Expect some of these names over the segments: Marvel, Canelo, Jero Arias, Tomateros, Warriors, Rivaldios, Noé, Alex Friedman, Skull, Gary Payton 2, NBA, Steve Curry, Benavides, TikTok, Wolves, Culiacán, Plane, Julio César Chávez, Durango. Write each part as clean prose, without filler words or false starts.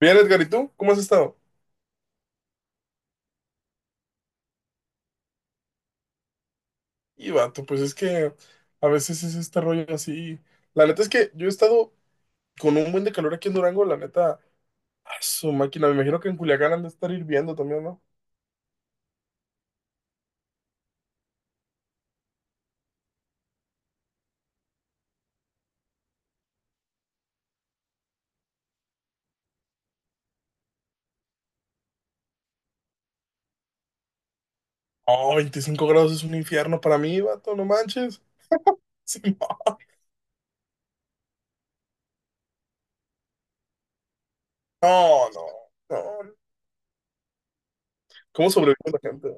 Bien, Edgar, ¿y tú? ¿Cómo has estado? Y vato, pues es que a veces es este rollo así. La neta es que yo he estado con un buen de calor aquí en Durango, la neta, a su máquina. Me imagino que en Culiacán han de estar hirviendo también, ¿no? Oh, 25 grados es un infierno para mí, vato, no manches. Sí, no, no, no, no. ¿Cómo sobrevive la gente?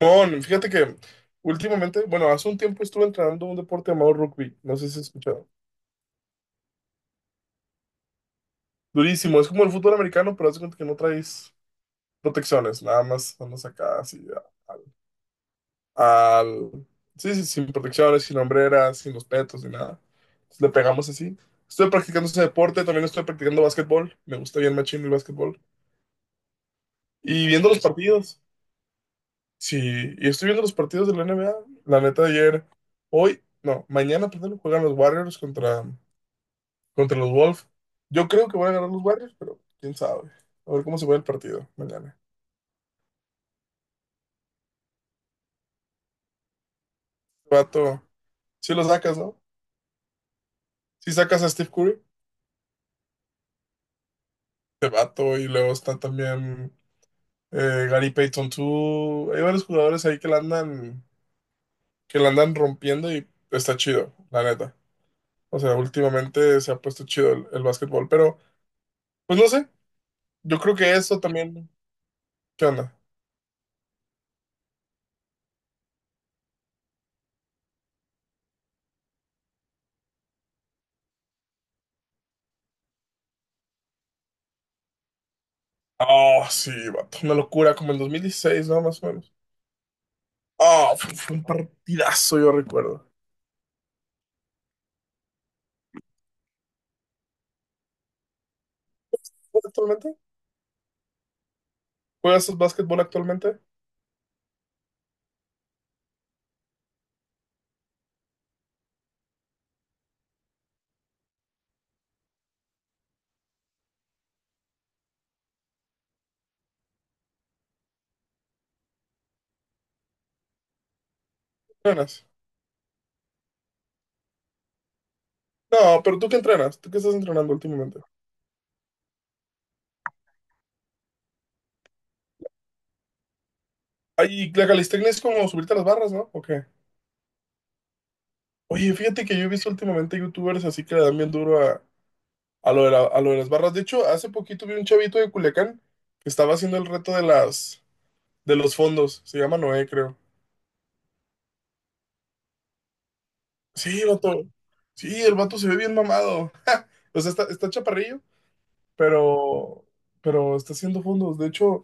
No, fíjate que últimamente, bueno, hace un tiempo estuve entrenando un deporte llamado rugby, no sé si has escuchado. Durísimo, es como el fútbol americano, pero haz de cuenta que no traes protecciones, nada más andas acá así al... Sí, sí, sin protecciones, sin hombreras, sin los petos, ni nada. Entonces, le pegamos así. Estoy practicando ese deporte, también estoy practicando básquetbol. Me gusta bien machín el básquetbol. Y viendo los partidos. Sí, y estoy viendo los partidos de la N B A. La neta, ayer, hoy, no, mañana, perdón, juegan los Warriors contra los Wolves. Yo creo que van a ganar los Warriors, pero quién sabe. A ver cómo se va el partido mañana. Vato, si lo sacas, ¿no? Si sacas a Steve Curry, este vato, y luego está también Gary Payton 2. Hay varios jugadores ahí que la andan rompiendo y está chido, la neta. O sea, últimamente se ha puesto chido el básquetbol, pero pues no sé, yo creo que eso también, ¿qué onda? Oh, sí, vato, una locura, como el 2016, ¿no? Más o menos. Ah, fue un partidazo, yo recuerdo. ¿Juegas actualmente? ¿Juegas básquetbol actualmente? ¿Entrenas? No, pero tú qué entrenas, tú qué estás entrenando últimamente. Ay, la calistenia es como subirte a las barras, ¿no? ¿O qué? Oye, fíjate que yo he visto últimamente youtubers así que le dan bien duro a lo a lo de las barras. De hecho, hace poquito vi un chavito de Culiacán que estaba haciendo el reto de los fondos. Se llama Noé, creo. Sí, vato. Sí, el vato se ve bien mamado. O sea, está chaparrillo, pero, pero está haciendo fondos. De hecho,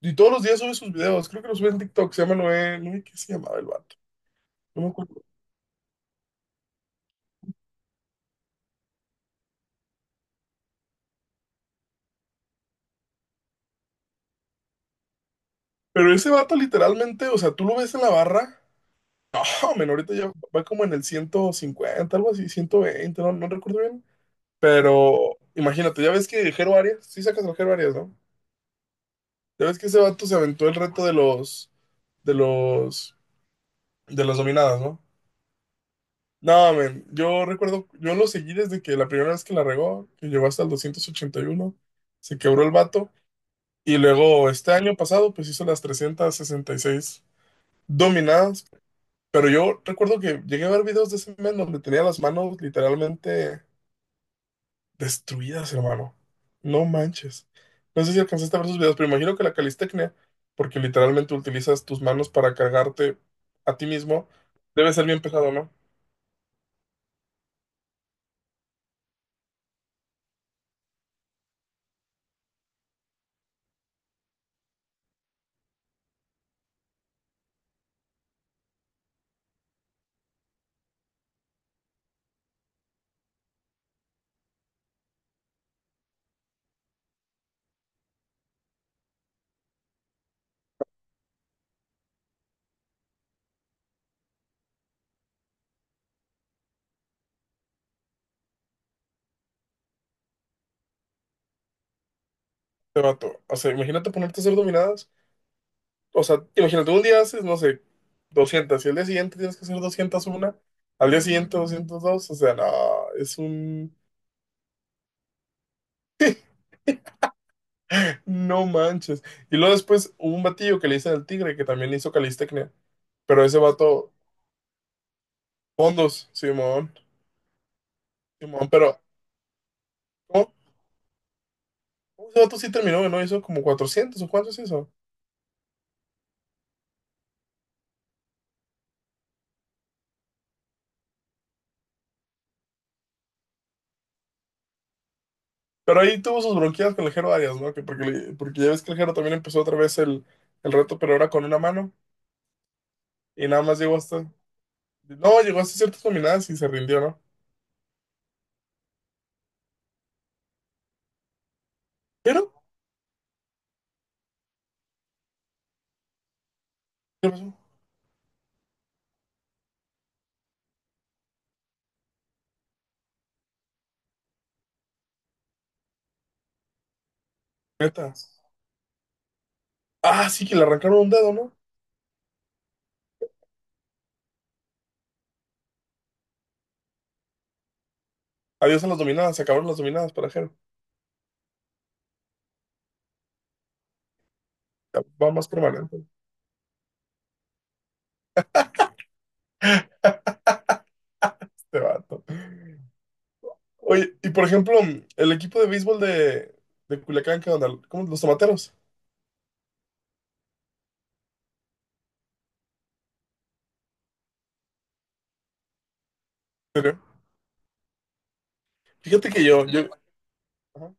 y todos los días sube sus videos. Creo que los sube en TikTok. Se llama Noé. Noé, ¿qué se llamaba el vato? No me acuerdo. Pero ese vato literalmente, o sea, tú lo ves en la barra. No, men, ahorita ya va como en el 150 algo así, 120, no, no recuerdo bien. Pero imagínate, ya ves que Jero Arias, sí sacas al Jero Arias, ¿no? Ya ves que ese vato se aventó el reto de los, de las dominadas, ¿no? No, men, yo recuerdo, yo lo seguí desde que la primera vez que la regó, que llegó hasta el 281, se quebró el vato. Y luego este año pasado, pues hizo las 366 dominadas. Pero yo recuerdo que llegué a ver videos de ese men donde tenía las manos literalmente destruidas, hermano. No manches. No sé si alcanzaste a ver sus videos, pero imagino que la calistecnia, porque literalmente utilizas tus manos para cargarte a ti mismo, debe ser bien pesado, ¿no? Te vato. O sea, imagínate ponerte a hacer dominadas. O sea, imagínate, un día haces, no sé, 200 y al día siguiente tienes que hacer 201, al día siguiente 202. O sea, no, es un... No manches. Y luego después hubo un batillo que le hice al tigre que también hizo calistecnia, pero ese vato, fondos, Simón, Simón, pero... Ese vato sí terminó, ¿no? Hizo como 400 o cuántos hizo. Pero ahí tuvo sus bronquias con el Jero Arias, ¿no? Que porque, porque ya ves que el Jero también empezó otra vez el reto, pero ahora con una mano. Y nada más llegó hasta. No, llegó hasta ciertas dominadas y se rindió, ¿no? Pero, ¿qué pasó? Neta. Ah, sí, que le arrancaron un dedo, ¿no? Adiós a las dominadas, se acabaron las dominadas para Jero. Ya va más permanente este vato. Oye, y por ejemplo, el equipo de béisbol de Culiacán, ¿qué onda? ¿Cómo? Los tomateros. ¿En serio? Fíjate que yo. Ajá.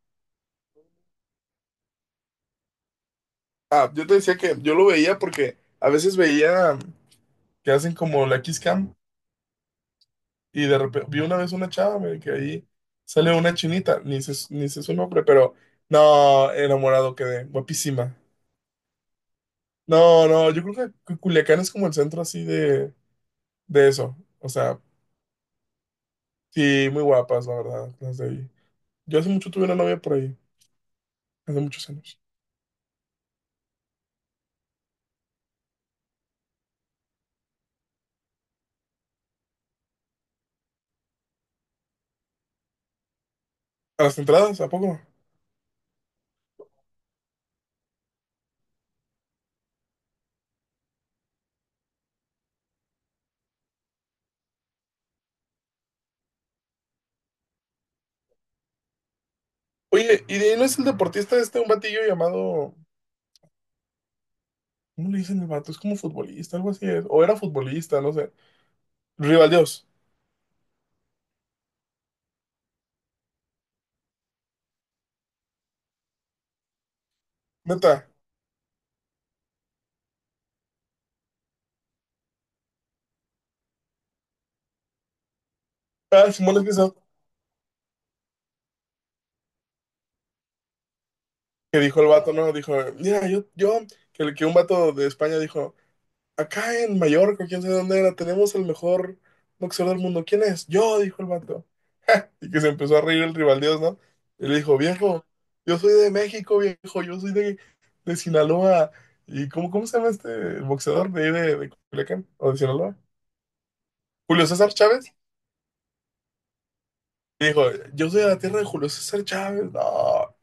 Ah, yo te decía que yo lo veía porque a veces veía que hacen como la Kiss Cam y de repente vi una vez una chava güey, que ahí sale una chinita, ni sé, ni sé su nombre, pero no, enamorado quedé, guapísima. No, no, yo creo que Culiacán es como el centro así de eso. O sea, sí, muy guapas, la verdad, las de ahí. Yo hace mucho tuve una novia por ahí, hace muchos años. A las entradas, ¿a poco? ¿No? Oye, ¿y de ahí no es el deportista este, un batillo llamado... ¿Cómo le dicen al vato? Es como futbolista, algo así es. O era futbolista, no sé. Rivaldios, Dios, neta. Ah, Simón, es que que dijo el vato, ¿no? Dijo, mira, que, un vato de España dijo, acá en Mallorca, quién sabe dónde era, tenemos el mejor boxeador del mundo. ¿Quién es? Yo, dijo el vato. Y que se empezó a reír el rivaldios, ¿no? Y le dijo, viejo, yo soy de México, viejo, yo soy de Sinaloa. ¿Y cómo se llama este boxeador de ahí de Culiacán? ¿O de Sinaloa? Julio César Chávez. Y dijo, yo soy de la tierra de Julio César Chávez. No,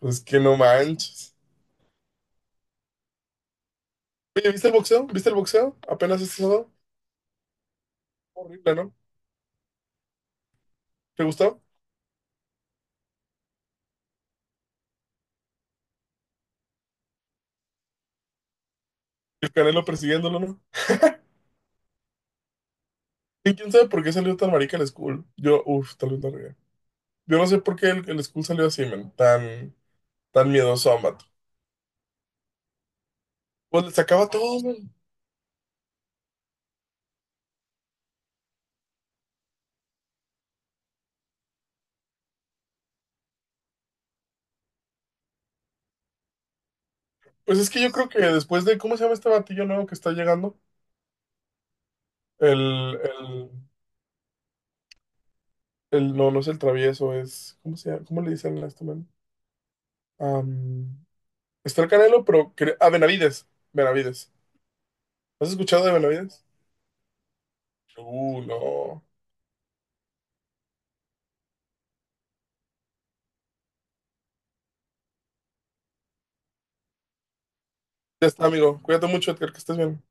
pues que no manches. Oye, ¿viste el boxeo? ¿Viste el boxeo? Apenas este sábado. Horrible, ¿no? ¿Te gustó? El Canelo persiguiéndolo, ¿no? Y quién sabe por qué salió tan marica el Skull. Yo, uff, tal vez no ría. Yo no sé por qué el Skull salió así, man. Tan, tan miedoso a Mato. Pues le sacaba todo, man. Pues es que yo creo que después de, ¿cómo se llama este batillo nuevo que está llegando? El, el, no, no es el travieso, es, ¿cómo se llama? ¿Cómo le dicen a este man? Am, está el Canelo, pero... cre- Ah, Benavides. Benavides. ¿Has escuchado de Benavides? No. Ya está, amigo. Cuídate mucho, Edgar, que estés bien.